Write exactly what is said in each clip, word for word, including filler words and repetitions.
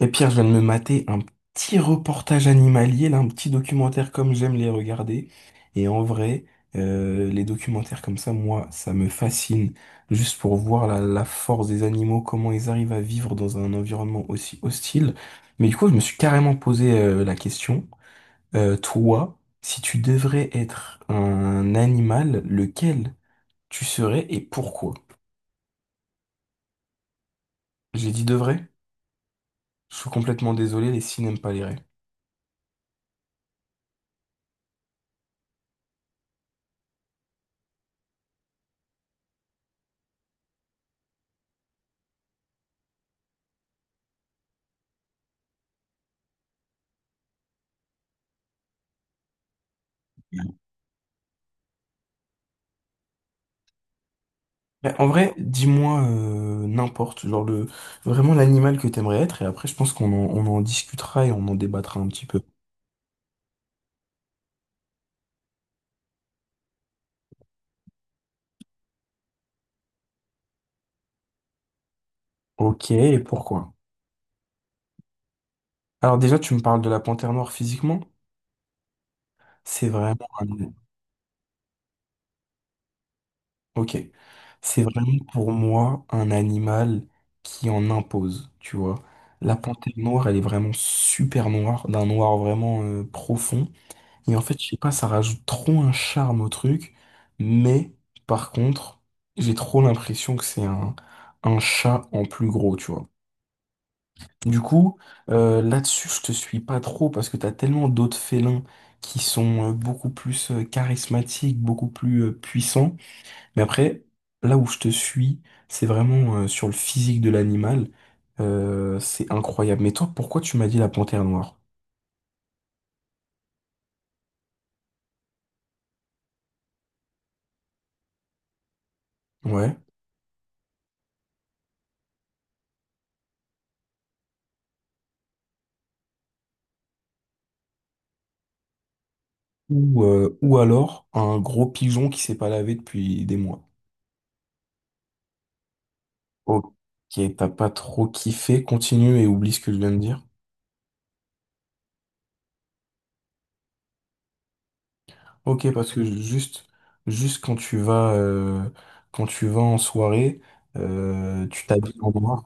Et Pierre, je viens de me mater un petit reportage animalier, là, un petit documentaire comme j'aime les regarder. Et en vrai, euh, les documentaires comme ça, moi, ça me fascine. Juste pour voir la, la force des animaux, comment ils arrivent à vivre dans un environnement aussi hostile. Mais du coup, je me suis carrément posé euh, la question, euh, toi, si tu devrais être un animal, lequel tu serais et pourquoi? J'ai dit devrait. Je suis complètement désolé, les si n'aiment pas les rêves. Ouais, en vrai, dis-moi euh, n'importe, genre le vraiment l'animal que t'aimerais être, et après je pense qu'on en, on en discutera et on en débattra un petit peu. Ok, et pourquoi? Alors déjà, tu me parles de la panthère noire physiquement, c'est vraiment un... Ok, c'est vraiment pour moi un animal qui en impose, tu vois. La panthère noire, elle est vraiment super noire, d'un noir vraiment euh, profond. Et en fait, je sais pas, ça rajoute trop un charme au truc, mais par contre, j'ai trop l'impression que c'est un, un chat en plus gros, tu vois. Du coup, euh, là-dessus, je te suis pas trop parce que t'as tellement d'autres félins qui sont euh, beaucoup plus euh, charismatiques, beaucoup plus euh, puissants. Mais après, là où je te suis, c'est vraiment euh, sur le physique de l'animal. Euh, c'est incroyable. Mais toi, pourquoi tu m'as dit la panthère noire? Ouais. Ou, euh, ou alors un gros pigeon qui s'est pas lavé depuis des mois. Ok, t'as pas trop kiffé, continue et oublie ce que je viens de dire. Ok, parce que juste, juste quand tu vas, euh, quand tu vas en soirée, euh, tu t'habilles en noir.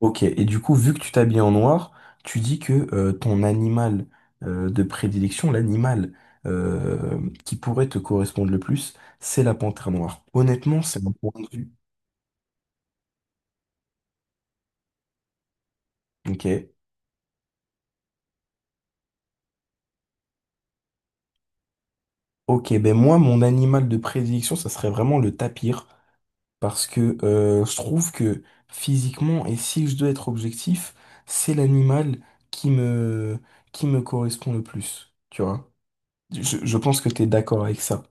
Ok, et du coup, vu que tu t'habilles en noir, tu dis que euh, ton animal euh, de prédilection, l'animal euh, qui pourrait te correspondre le plus, c'est la panthère noire. Honnêtement, c'est mon point de vue. Ok. Ok, ben moi, mon animal de prédilection, ça serait vraiment le tapir, parce que euh, je trouve que physiquement, et si je dois être objectif, c'est l'animal qui me, qui me correspond le plus, tu vois. Je, je pense que t'es d'accord avec ça.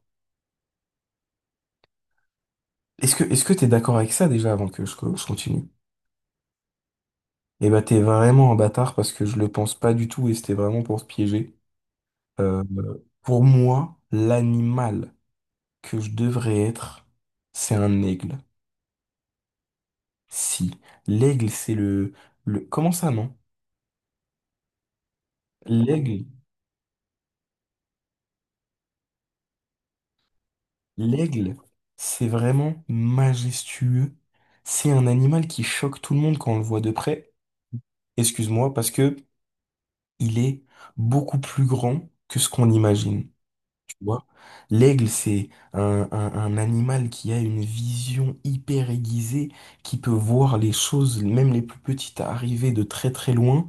Est-ce que, est-ce que t'es d'accord avec ça déjà avant que je, co- je continue? Eh ben, t'es vraiment un bâtard parce que je le pense pas du tout et c'était vraiment pour te piéger. Euh, pour moi, l'animal que je devrais être, c'est un aigle. Si. L'aigle, c'est le, le... Comment ça, non? L'aigle, l'aigle, c'est vraiment majestueux. C'est un animal qui choque tout le monde quand on le voit de près. Excuse-moi, parce que il est beaucoup plus grand que ce qu'on imagine. Tu vois. L'aigle, c'est un, un- un animal qui a une vision hyper aiguisée, qui peut voir les choses, même les plus petites, arriver de très très loin.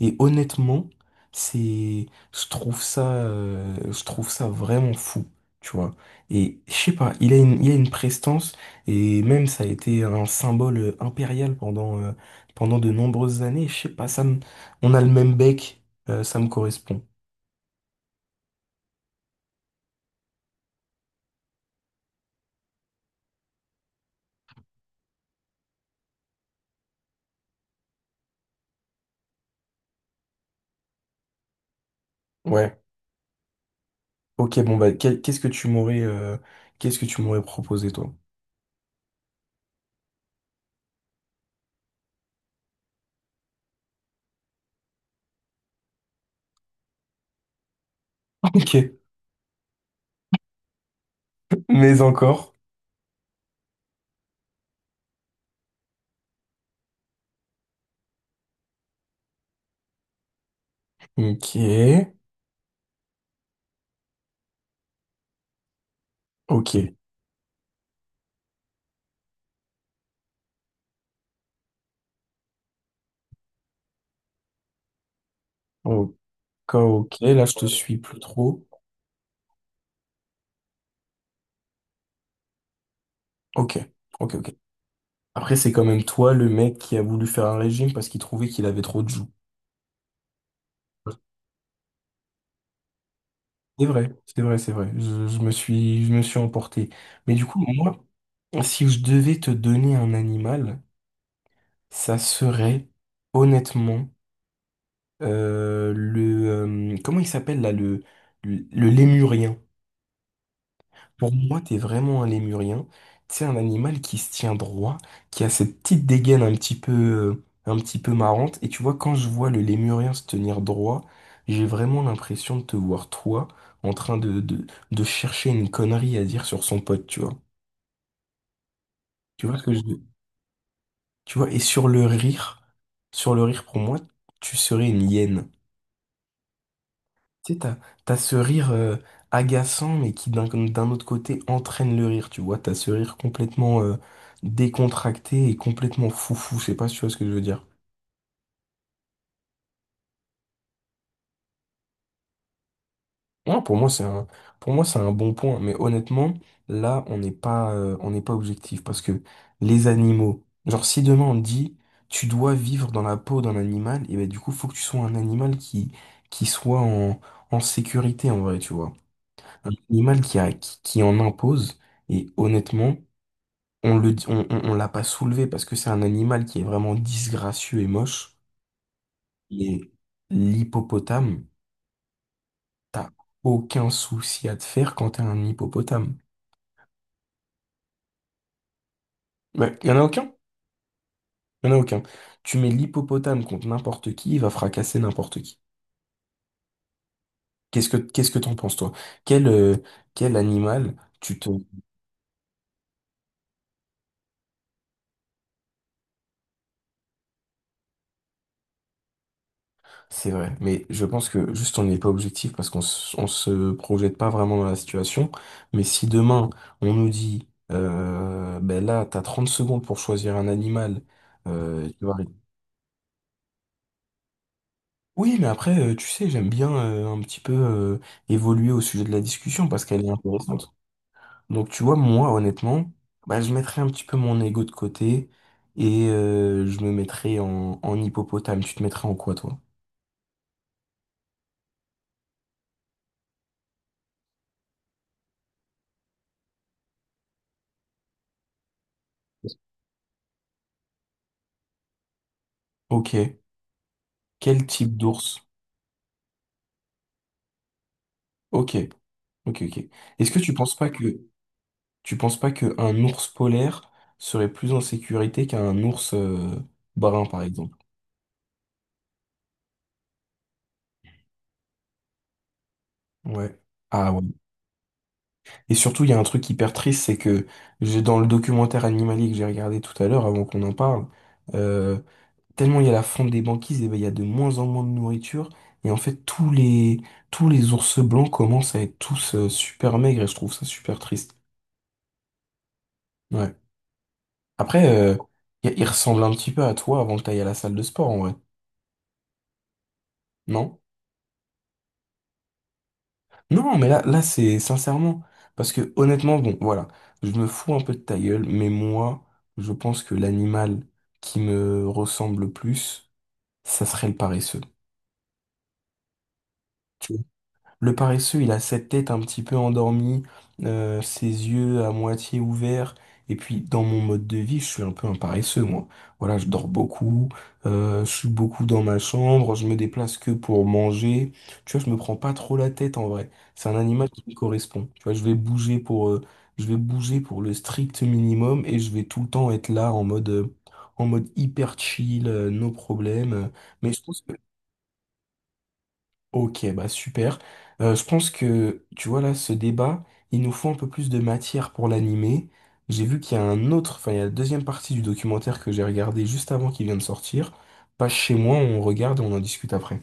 Et honnêtement, c'est, je trouve ça, euh, je trouve ça vraiment fou, tu vois. Et je sais pas, il a une, il a une prestance, et même ça a été un symbole euh, impérial pendant, euh, pendant de nombreuses années. Je sais pas, ça me- on a le même bec, euh, ça me correspond. Ouais. Ok, bon, bah, quel- qu'est-ce que tu m'aurais euh, qu'est-ce que tu m'aurais proposé, toi? Ok, mais encore. Ok, ok, ok, ok, là, je te suis plus trop. Ok, ok, ok. Après, c'est quand même toi, le mec qui a voulu faire un régime parce qu'il trouvait qu'il avait trop de joues. C'est vrai, c'est vrai, c'est vrai. Je, je me suis, je me suis emporté. Mais du coup, moi, si je devais te donner un animal, ça serait honnêtement euh, le euh, comment il s'appelle là le le, le lémurien. Pour moi, t'es vraiment un lémurien. Tu sais, un animal qui se tient droit, qui a cette petite dégaine un petit peu, euh, un petit peu marrante. Et tu vois, quand je vois le lémurien se tenir droit, j'ai vraiment l'impression de te voir, toi, en train de, de, de chercher une connerie à dire sur son pote, tu vois. Tu vois ce que je veux- Tu vois, et sur le rire, sur le rire, pour moi, tu serais une hyène. Tu sais, t'as, t'as ce rire euh, agaçant, mais qui d'un d'un autre côté entraîne le rire, tu vois. T'as ce rire complètement euh, décontracté et complètement foufou, je sais pas si tu vois ce que je veux dire. Non, pour moi, c'est un, pour moi, c'est un bon point, mais honnêtement, là, on n'est pas, euh, on n'est pas objectif, parce que les animaux, genre, si demain on te dit, tu dois vivre dans la peau d'un animal, et ben du coup, faut que tu sois un animal qui, qui soit en, en sécurité, en vrai, tu vois. Un animal qui a, qui qui en impose, et honnêtement, on le, on, on, on l'a pas soulevé parce que c'est un animal qui est vraiment disgracieux et moche. Et l'hippopotame, t'as aucun souci à te faire quand t'es un hippopotame. Ouais, y en a aucun? Y en a aucun. Tu mets l'hippopotame contre n'importe qui, il va fracasser n'importe qui. Qu'est-ce que qu'est-ce que t'en penses, toi? Quel, euh, quel animal tu te C'est vrai, mais je pense que juste on n'est pas objectif parce qu'on s- on se projette pas vraiment dans la situation. Mais si demain on nous dit, euh, ben là, t'as trente secondes pour choisir un animal, euh, tu vas- Oui, mais après, euh, tu sais, j'aime bien euh, un petit peu euh, évoluer au sujet de la discussion parce qu'elle est intéressante. Donc tu vois, moi, honnêtement, bah, je mettrais un petit peu mon ego de côté et euh, je me mettrais en, en hippopotame. Tu te mettrais en quoi, toi? Ok. Quel type d'ours? Ok. Ok, ok. Est-ce que tu penses pas que tu penses pas qu'un ours polaire serait plus en sécurité qu'un ours euh, brun, par exemple? Ouais. Ah ouais. Et surtout, il y a un truc hyper triste, c'est que j'ai dans le documentaire animalier que j'ai regardé tout à l'heure, avant qu'on en parle, euh, tellement il y a la fonte des banquises, et ben, il y a de moins en moins de nourriture. Et en fait, tous les tous les ours blancs commencent à être tous euh, super maigres, et je trouve ça super triste. Ouais. Après, euh, il il ressemble un petit peu à toi avant que tu ailles à la salle de sport, en vrai. Non? Non, mais là, là, c'est sincèrement. Parce que honnêtement, bon, voilà, je me fous un peu de ta gueule, mais moi, je pense que l'animal qui me ressemble le plus, ça serait le paresseux. Le paresseux, il a cette tête un petit peu endormie, euh, ses yeux à moitié ouverts. Et puis, dans mon mode de vie, je suis un peu un paresseux, moi. Voilà, je dors beaucoup, euh, je suis beaucoup dans ma chambre, je me déplace que pour manger. Tu vois, je me prends pas trop la tête en vrai. C'est un animal qui me correspond. Tu vois, je vais bouger pour, euh, je vais bouger pour le strict minimum et je vais tout le temps être là en mode, euh, en mode hyper chill, euh, no problème. Mais je pense que Ok, bah super. Euh, je pense que, tu vois, là, ce débat, il nous faut un peu plus de matière pour l'animer. J'ai vu qu'il y a un autre, enfin, il y a la deuxième partie du documentaire que j'ai regardé juste avant qu'il vienne de sortir. Passe chez moi, on regarde et on en discute après.